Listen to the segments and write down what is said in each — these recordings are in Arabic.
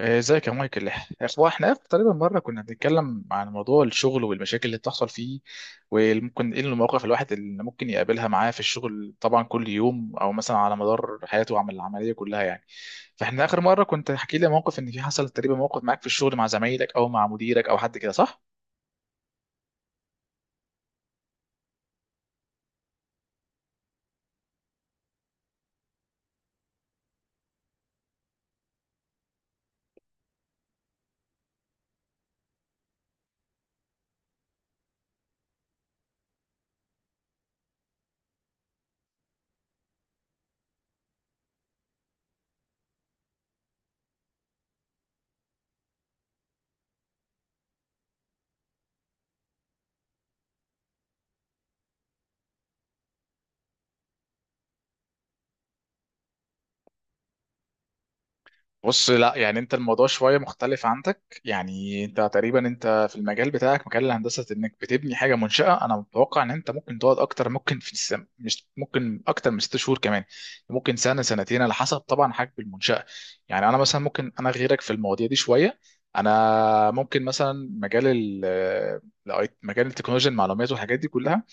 ازيك يا مايكل. اخوة احنا اخر تقريبا مره كنا بنتكلم عن موضوع الشغل والمشاكل اللي بتحصل فيه، وممكن ايه المواقف الواحد اللي ممكن يقابلها معاه في الشغل طبعا كل يوم او مثلا على مدار حياته عمل العمليه كلها يعني. فاحنا اخر مره كنت حكي لي موقف ان في حصل تقريبا موقف معاك في الشغل مع زمايلك او مع مديرك او حد كده، صح؟ بص، لا يعني انت الموضوع شويه مختلف عندك، يعني انت تقريبا انت في المجال بتاعك مجال الهندسه انك بتبني حاجه منشاه، انا متوقع ان انت ممكن تقعد اكتر، ممكن مش ممكن اكتر من ست شهور كمان، ممكن سنه سنتين على حسب طبعا حجم المنشاه. يعني انا مثلا ممكن انا غيرك في المواضيع دي شويه. انا ممكن مثلا مجال ال مجال التكنولوجيا المعلومات والحاجات دي كلها.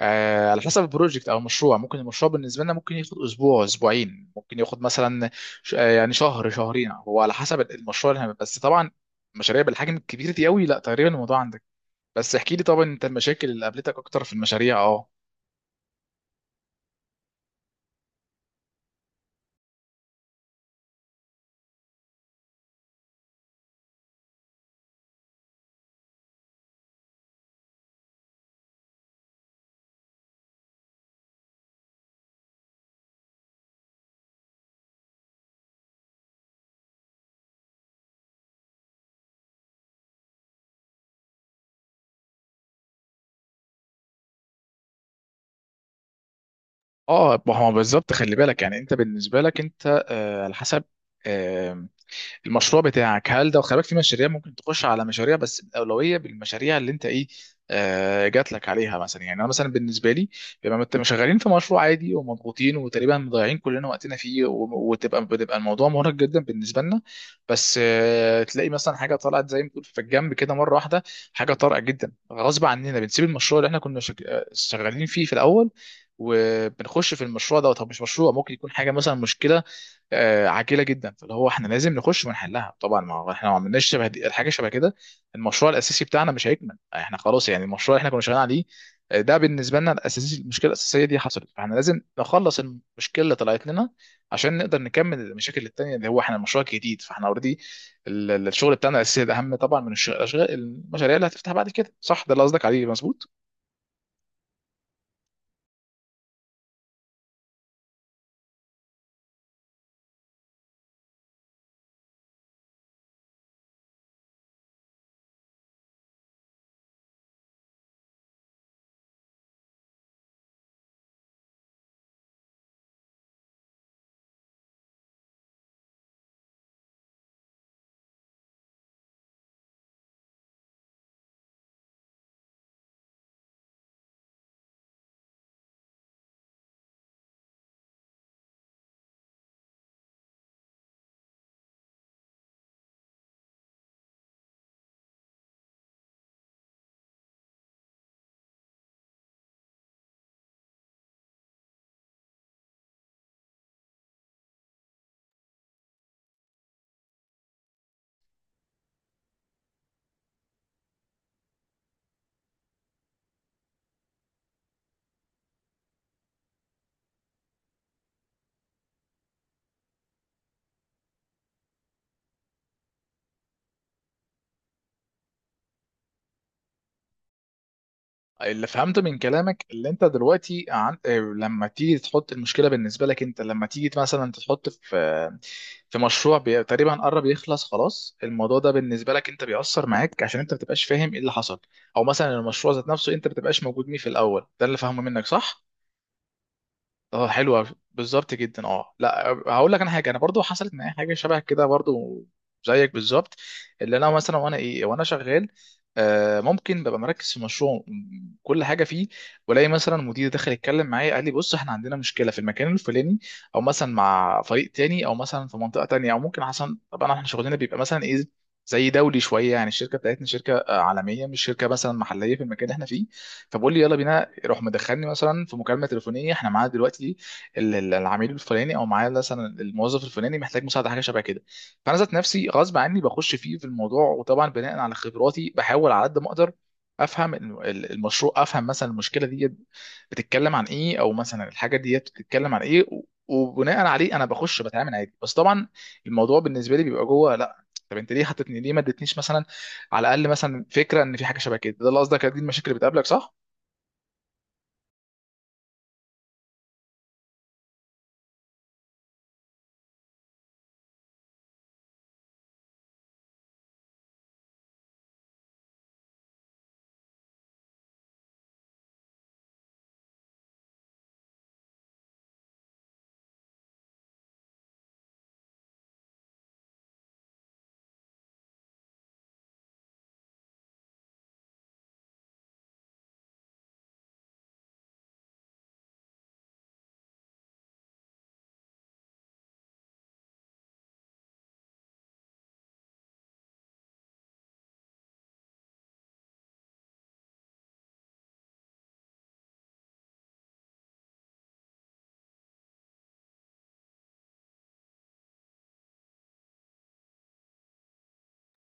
على حسب البروجكت او المشروع، ممكن المشروع بالنسبه لنا ممكن ياخد اسبوع اسبوعين، ممكن ياخد مثلا يعني شهر شهرين، هو على حسب المشروع اللي هنعمله. بس طبعا مشاريع بالحجم الكبير دي قوي لا، تقريبا الموضوع عندك. بس احكي لي طبعا انت المشاكل اللي قابلتك اكتر في المشاريع. اه، اه، ما هو بالظبط، خلي بالك يعني انت بالنسبه لك انت، على حسب المشروع بتاعك، هل ده خلي بالك في مشاريع ممكن تخش على مشاريع بس الاولويه بالمشاريع اللي انت ايه، جات لك عليها. مثلا يعني انا مثلا بالنسبه لي بما انت شغالين في مشروع عادي ومضغوطين وتقريبا مضيعين كلنا وقتنا فيه، وتبقى بتبقى الموضوع مرهق جدا بالنسبه لنا، بس تلاقي مثلا حاجه طلعت زي ما تقول في الجنب كده مره واحده، حاجه طارئه جدا غصب عننا بنسيب المشروع اللي احنا كنا شغالين فيه في الاول، وبنخش في المشروع ده. طب مش مشروع ممكن يكون حاجه مثلا مشكله عاجله جدا، فاللي هو احنا لازم نخش ونحلها. طبعا ما هو احنا ما عملناش شبه دي الحاجه شبه كده، المشروع الاساسي بتاعنا مش هيكمل، احنا خلاص، يعني المشروع اللي احنا كنا شغالين عليه ده بالنسبه لنا الاساسي، المشكله الاساسيه دي حصلت، فاحنا لازم نخلص المشكله اللي طلعت لنا عشان نقدر نكمل المشاكل التانيه اللي هو احنا المشروع الجديد. فاحنا اوريدي الشغل بتاعنا الاساسي ده اهم طبعا من الشغل الاشغال المشاريع اللي هتفتح بعد كده، صح؟ ده اللي قصدك عليه مظبوط. اللي فهمته من كلامك اللي انت دلوقتي عن... اه، لما تيجي تحط المشكله بالنسبه لك انت، لما تيجي مثلا تحط في في مشروع بي... تقريبا قرب يخلص خلاص، الموضوع ده بالنسبه لك انت بيأثر معاك عشان انت ما بتبقاش فاهم ايه اللي حصل، او مثلا المشروع ذات نفسه انت ما بتبقاش موجود فيه في الاول، ده اللي فاهمه منك، صح؟ اه، حلو أوي. بالظبط جدا. اه لا، هقول لك انا حاجه، انا برضو حصلت معايا حاجه شبه كده برضو زيك بالظبط. اللي انا مثلا وانا ايه وانا شغال، ممكن ببقى مركز في مشروع كل حاجه فيه، والاقي مثلا مدير دخل يتكلم معايا قال لي بص احنا عندنا مشكله في المكان الفلاني، او مثلا مع فريق تاني، او مثلا في منطقه تانيه، او ممكن حسن طبعا احنا شغلنا بيبقى مثلا ايه زي دولي شويه، يعني الشركه بتاعتنا شركه عالميه مش شركه مثلا محليه في المكان اللي احنا فيه. فبقول لي يلا بينا روح، مدخلني مثلا في مكالمه تليفونيه احنا معانا دلوقتي العميل الفلاني، او معايا مثلا الموظف الفلاني محتاج مساعده، حاجه شبه كده. فانا ذات نفسي غصب عني بخش فيه في الموضوع، وطبعا بناء على خبراتي بحاول على قد ما اقدر افهم المشروع، افهم مثلا المشكله دي بتتكلم عن ايه، او مثلا الحاجه دي بتتكلم عن ايه، وبناء عليه انا بخش بتعامل عادي. بس طبعا الموضوع بالنسبه لي بيبقى جوه، لا طب انت ليه حطيتني، ليه ما ادتنيش مثلا على الاقل مثلا فكره ان في حاجه شبه كده؟ ده اللي قصدك، دي المشاكل اللي بتقابلك، صح؟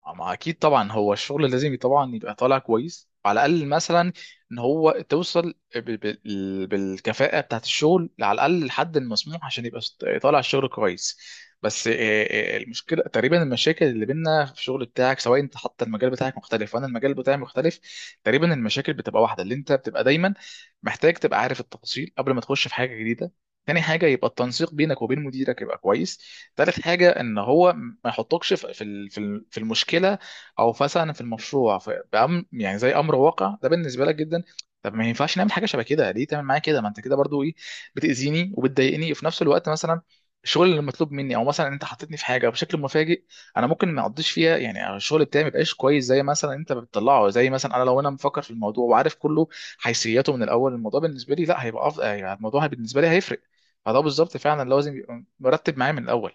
ما اكيد طبعا هو الشغل لازم طبعا يبقى طالع كويس، على الاقل مثلا ان هو توصل بالكفاءه بتاعت الشغل على الاقل لحد المسموح عشان يبقى طالع الشغل كويس. بس المشكله تقريبا المشاكل اللي بينا في الشغل بتاعك، سواء انت حتى المجال بتاعك مختلف وانا المجال بتاعي مختلف، تقريبا المشاكل بتبقى واحده. اللي انت بتبقى دايما محتاج تبقى عارف التفاصيل قبل ما تخش في حاجه جديده. تاني حاجه يبقى التنسيق بينك وبين مديرك يبقى كويس. تالت حاجه ان هو ما يحطكش في في المشكله، او مثلا في المشروع في بأم يعني زي امر واقع، ده بالنسبه لك جدا. طب ما ينفعش نعمل حاجه شبه كده، ليه تعمل معايا كده؟ ما انت كده برضو ايه، بتاذيني وبتضايقني في نفس الوقت. مثلا الشغل اللي مطلوب مني، او مثلا انت حطيتني في حاجه بشكل مفاجئ، انا ممكن ما اقضيش فيها، يعني الشغل بتاعي ما يبقاش كويس زي مثلا انت بتطلعه، زي مثلا انا لو انا مفكر في الموضوع وعارف كله حيثياته من الاول، الموضوع بالنسبه لي لا هيبقى افضل، يعني الموضوع بالنسبه لي هيفرق. فده بالظبط فعلا لازم يبقى مرتب معايا من الاول.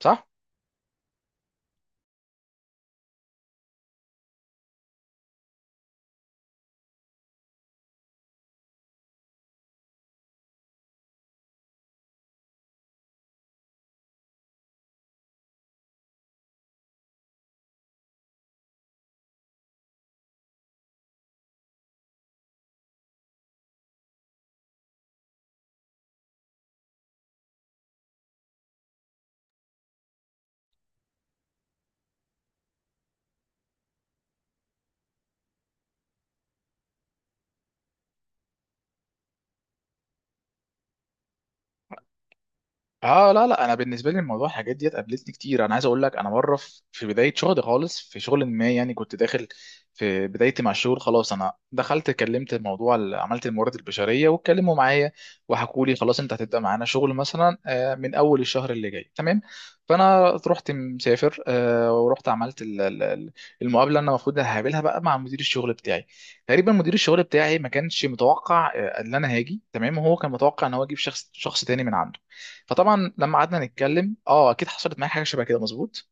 صح، اه لا لا، انا بالنسبه لي الموضوع الحاجات ديت قابلتني كتير. انا عايز اقول لك، انا مره في بدايه شغلي خالص في شغل ما، يعني كنت داخل في بدايتي مع الشغل خلاص، انا دخلت كلمت الموضوع عملت الموارد البشريه واتكلموا معايا وحكوا لي خلاص انت هتبدا معانا شغل مثلا من اول الشهر اللي جاي تمام. فانا رحت مسافر ورحت عملت المقابله اللي انا المفروض هقابلها بقى مع مدير الشغل بتاعي. تقريبا مدير الشغل بتاعي ما كانش متوقع ان انا هاجي، تمام؟ هو كان متوقع ان هو يجيب شخص تاني من عنده. فطبعا لما قعدنا نتكلم، اه اكيد حصلت معايا حاجه شبه كده مظبوط.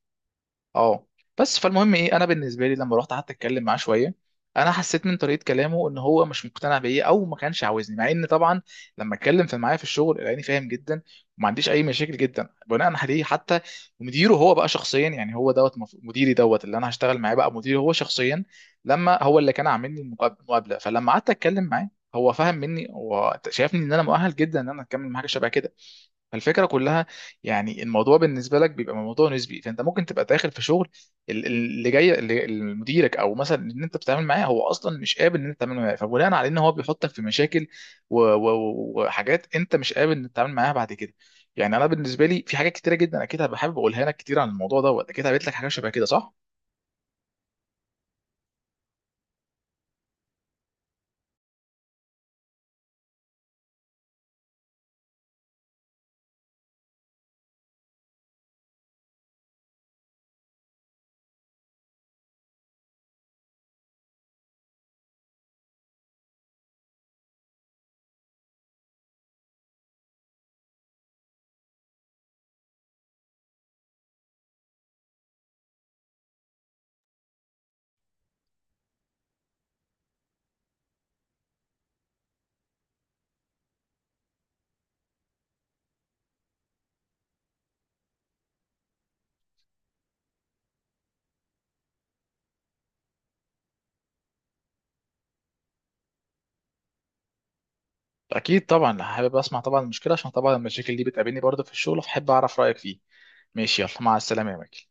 اه، بس فالمهم ايه، انا بالنسبه لي لما رحت قعدت اتكلم معاه شويه، انا حسيت من طريقه كلامه ان هو مش مقتنع بيا او ما كانش عاوزني، مع ان طبعا لما اتكلم في معايا في الشغل لقاني فاهم جدا وما عنديش اي مشاكل جدا، بناء عليه حتى مديره هو بقى شخصيا، يعني هو دوت مديري دوت اللي انا هشتغل معاه بقى مديري هو شخصيا، لما هو اللي كان عامل لي المقابله. فلما قعدت اتكلم معاه هو فهم مني وشايفني ان انا مؤهل جدا ان انا اكمل مع حاجه شبه كده. فالفكره كلها، يعني الموضوع بالنسبه لك بيبقى موضوع نسبي، فانت ممكن تبقى داخل في شغل اللي جاي، اللي مديرك او مثلا اللي انت بتتعامل معاه هو اصلا مش قابل ان انت تتعامل معاه، فبناء على ان هو بيحطك في مشاكل وحاجات انت مش قابل ان تتعامل معاها بعد كده. يعني انا بالنسبه لي في حاجات كتيره جدا اكيد هبقى حابب اقولها لك كتير عن الموضوع دوت. اكيد قابلت لك حاجه شبه كده، صح؟ اكيد طبعا حابب اسمع طبعا المشكله، عشان طبعا المشاكل دي بتقابلني برضه في الشغل، فحب اعرف رايك فيه. ماشي، يلا مع السلامه يا مايكل.